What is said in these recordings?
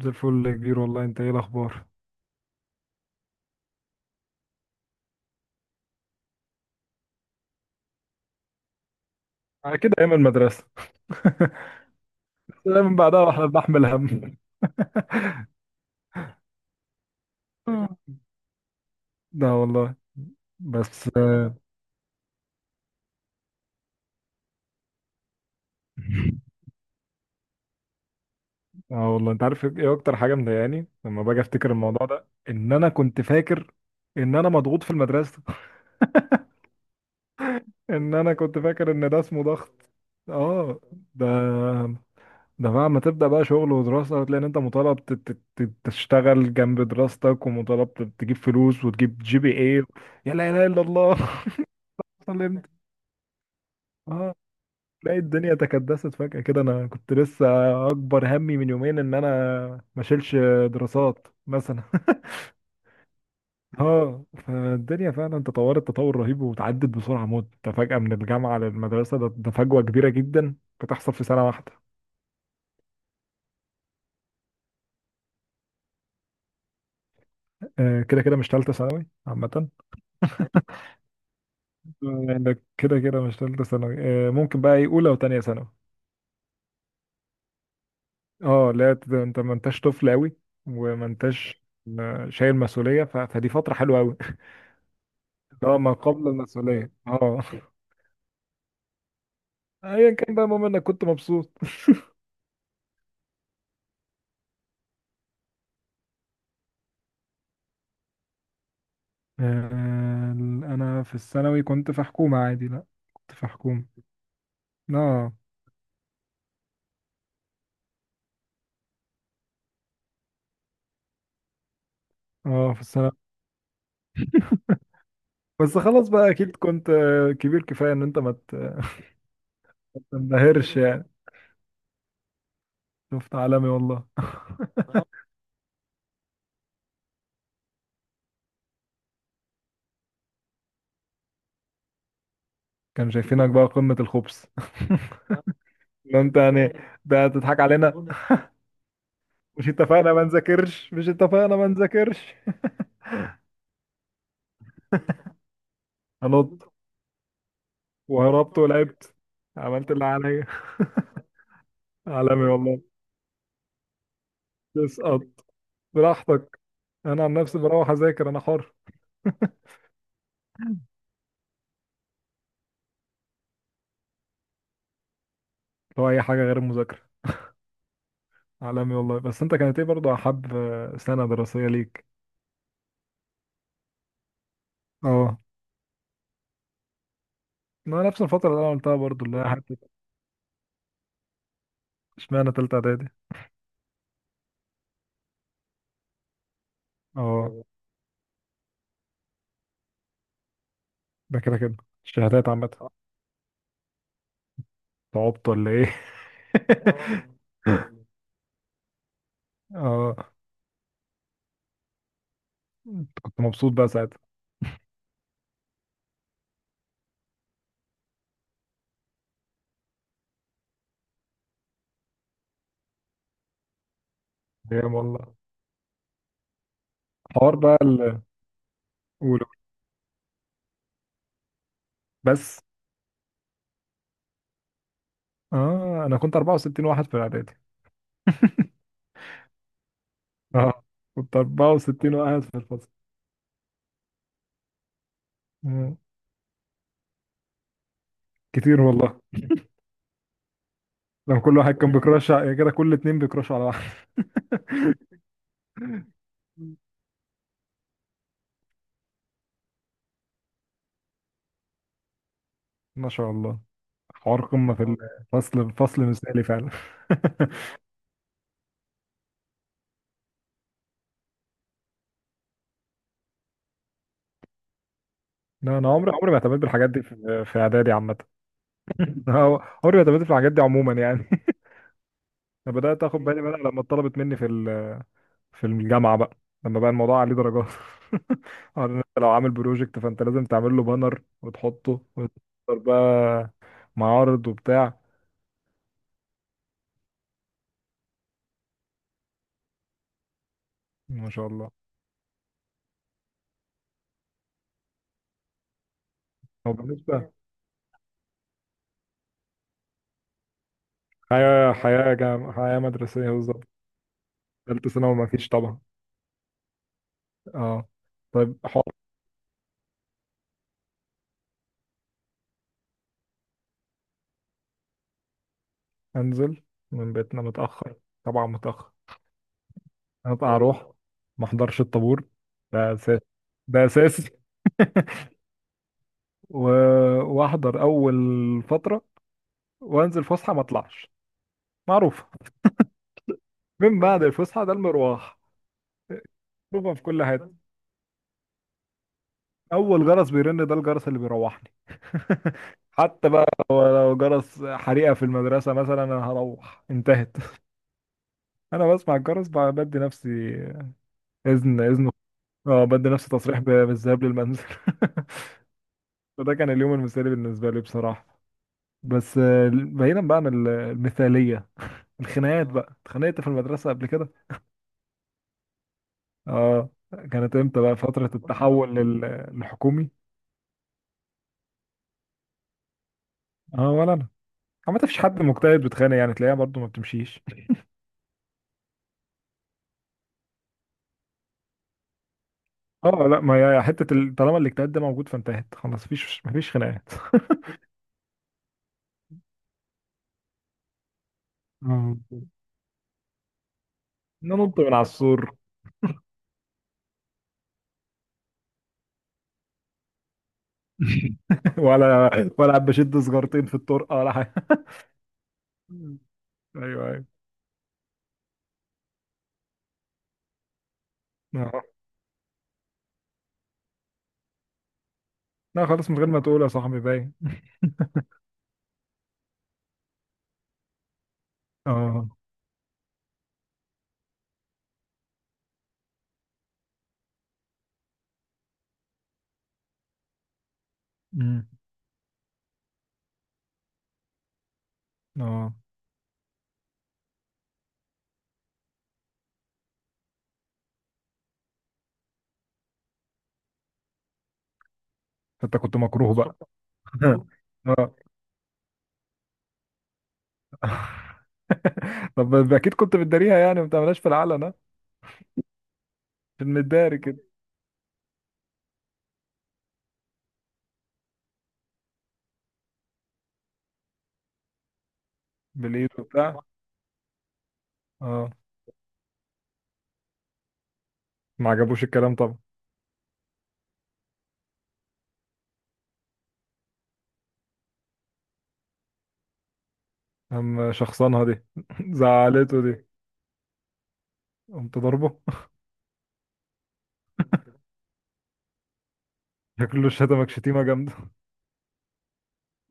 زي الفل يا كبير، والله انت ايه الاخبار؟ على كده ايام المدرسه. من بعدها واحنا بنحمل هم. لا والله. بس اه آه والله، انت عارف ايه اكتر حاجه مضايقاني لما باجي افتكر الموضوع ده؟ ان انا كنت فاكر ان انا مضغوط في المدرسه. ان انا كنت فاكر ان ده اسمه ضغط. اه. ده ده بقى ما تبدأ بقى شغل ودراسة، هتلاقي ان انت مطالب تشتغل جنب دراستك، ومطالب تجيب فلوس وتجيب GPA. يا لا اله الا الله. سلمت. اه. تلاقي الدنيا تكدست فجأة كده. انا كنت لسه اكبر همي من يومين ان انا ما اشيلش دراسات مثلا. اه فالدنيا فعلا تطورت تطور رهيب، وتعدت بسرعة موت. انت فجأة من الجامعة للمدرسة، ده فجوة كبيرة جدا بتحصل في سنة واحدة. كده كده مش تالتة ثانوي عامة. انك كده كده مش تالتة ثانوي. ممكن بقى ايه؟ اولى وتانية ثانوي. اه لا، انت ما انتش طفل قوي وما انتش شايل مسؤولية، فدي فترة حلوة قوي. اه، ما قبل المسؤولية. اه. ايا كان بقى، المهم انك كنت مبسوط. آه، انا في الثانوي كنت في حكومة عادي. لا، كنت في حكومة. اه اه، في الثانوي. بس خلاص بقى اكيد كنت كبير كفاية، ان انت ما تنبهرش يعني. شفت عالمي والله. كانوا شايفينك بقى قمة الخبث. ده انت يعني، ده تضحك علينا. مش اتفقنا ما نذاكرش؟ مش اتفقنا ما نذاكرش؟ هنط وهربت ولعبت، عملت اللي عليا. عالمي والله. تسقط براحتك، انا عن نفسي بروح اذاكر، انا حر. لو اي حاجه غير المذاكره. عالمي والله. بس انت كانت ايه برضه احب سنه دراسيه ليك؟ اه، ما نفس الفتره اللي انا قلتها برضه اللي هي حته. اشمعنى تالته اعدادي؟ اه. ده كده كده الشهادات عامه. تعبت ولا ايه؟ اه، كنت مبسوط بقى ساعتها. ايام والله. حوار بقى ال- قول قول. بس اه انا كنت 64 واحد في الاعدادي. اه، كنت 64 واحد في الفصل. آه. كتير والله. لما كل واحد كان بيكراش يا كده كل اتنين بيكراشوا على واحد. ما شاء الله. حوار قمة في الفصل، فصل مثالي فعلا. لا، انا عمري عمري ما اعتمدت بالحاجات دي في اعدادي عامة. عمري ما اعتمدت في الحاجات دي عموما يعني. انا بدأت اخد بالي منها لما اتطلبت مني في الجامعة بقى، لما بقى الموضوع عليه درجات. قال انت لو عامل بروجكت فانت لازم تعمل له بانر وتحطه وتحضر بقى معارض وبتاع. ما شاء الله. هو بالنسبة حياة حياة جام... حياة مدرسية بالظبط. تالتة ثانوي ما فيش طبعا. اه، طيب حاضر. انزل من بيتنا متأخر. طبعا متأخر. هبقى اروح ما احضرش الطابور، ده اساسي. ده اساسي. و... واحضر اول فترة، وانزل فسحة ما اطلعش. معروف. من بعد الفسحة ده المروح. روحه في كل حتة. أول جرس بيرن ده الجرس اللي بيروحني. حتى بقى لو جرس حريقة في المدرسة مثلا، أنا هروح. انتهت. أنا بسمع الجرس بقى بدي نفسي إذن إذن. اه، بدي نفسي تصريح بالذهاب للمنزل. فده كان اليوم المثالي بالنسبة لي بصراحة. بس بعيدا بقى عن المثالية، الخناقات بقى. اتخانقت في المدرسة قبل كده. اه. كانت امتى بقى فترة التحول للحكومي؟ اه ولا أنا. عامة مفيش حد مجتهد بتخانق يعني، تلاقيها برضو ما بتمشيش. اه لا، ما هي حتة طالما الاجتهاد ده موجود فانتهت خلاص، مفيش خناقات. اه، ننط من على السور. ولا بشد سجارتين في الطرقة ولا حاجة. ايوه ايوه. اه لا، خلاص من غير ما تقول يا صاحبي باين. اه. امم اه، فانت كنت مكروه بقى. اه، طب اكيد كنت بتداريها يعني، ما بتعملهاش في العلن ها؟ في المداري كده. بالايد وبتاع. اه، ما عجبوش الكلام. أما شخصنها دي. زعلته دي. قمت ضربه. شكله شتمك شتيمة جامدة.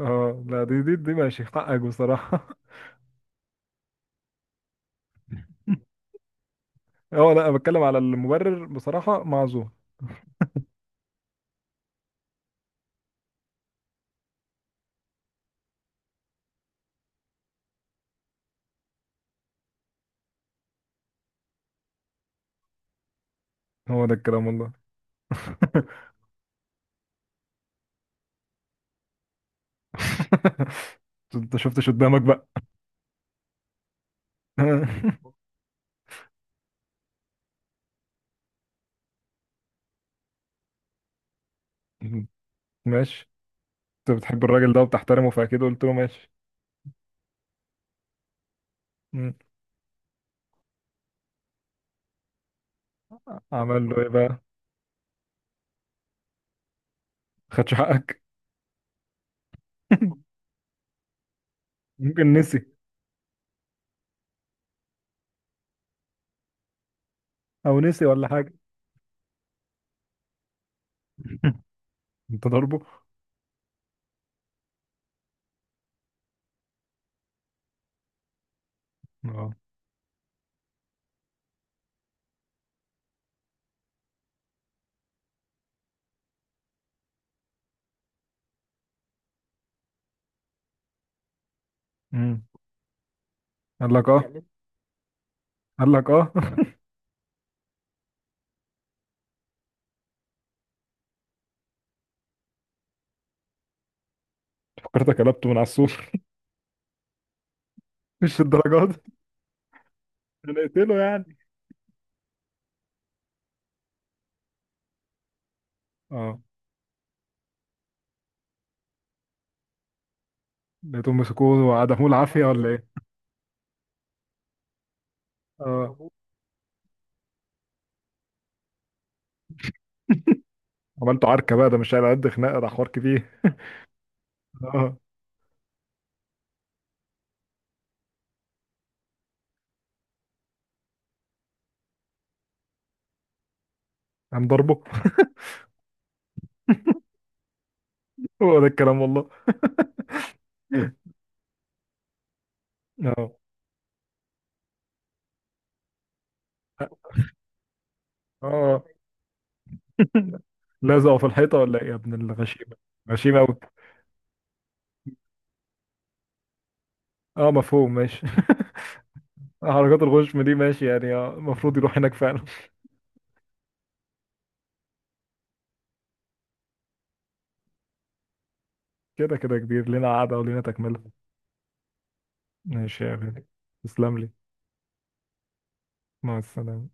اه لا، دي ماشي حقك بصراحة. اه لا، أنا بتكلم على المبرر بصراحة، معذور. هو ده الكلام والله. انت شفتش قدامك بقى. ماشي. انت بتحب الراجل ده وبتحترمه، فاكيد قلت له ماشي. مم. عمل له ايه بقى؟ خدش حقك؟ ممكن نسي، او نسي ولا حاجة. انت ضربه. اه. مم. قال لك اه. قال لك اه. فكرتك قلبته من على السور. مش الدرجات دي. انا قلتله يعني. اه، لقيتهم مسكوه وعدموه العافيه ولا ايه؟ اه، عملته عركه بقى، ده مش على قد خناقه، ده حوار كبير. اه، قام ضربه. هو ده الكلام والله. اه اه، لازقه في الحيطه ولا ايه يا ابن الغشيمه؟ غشيمه قوي. اه، مفهوم ماشي. حركات الغشم دي ماشي يعني، المفروض يروح هناك فعلا. كده كده كبير، لنا قعده ولنا تكمله. ماشي يا غالي، تسلم لي. مع السلامه.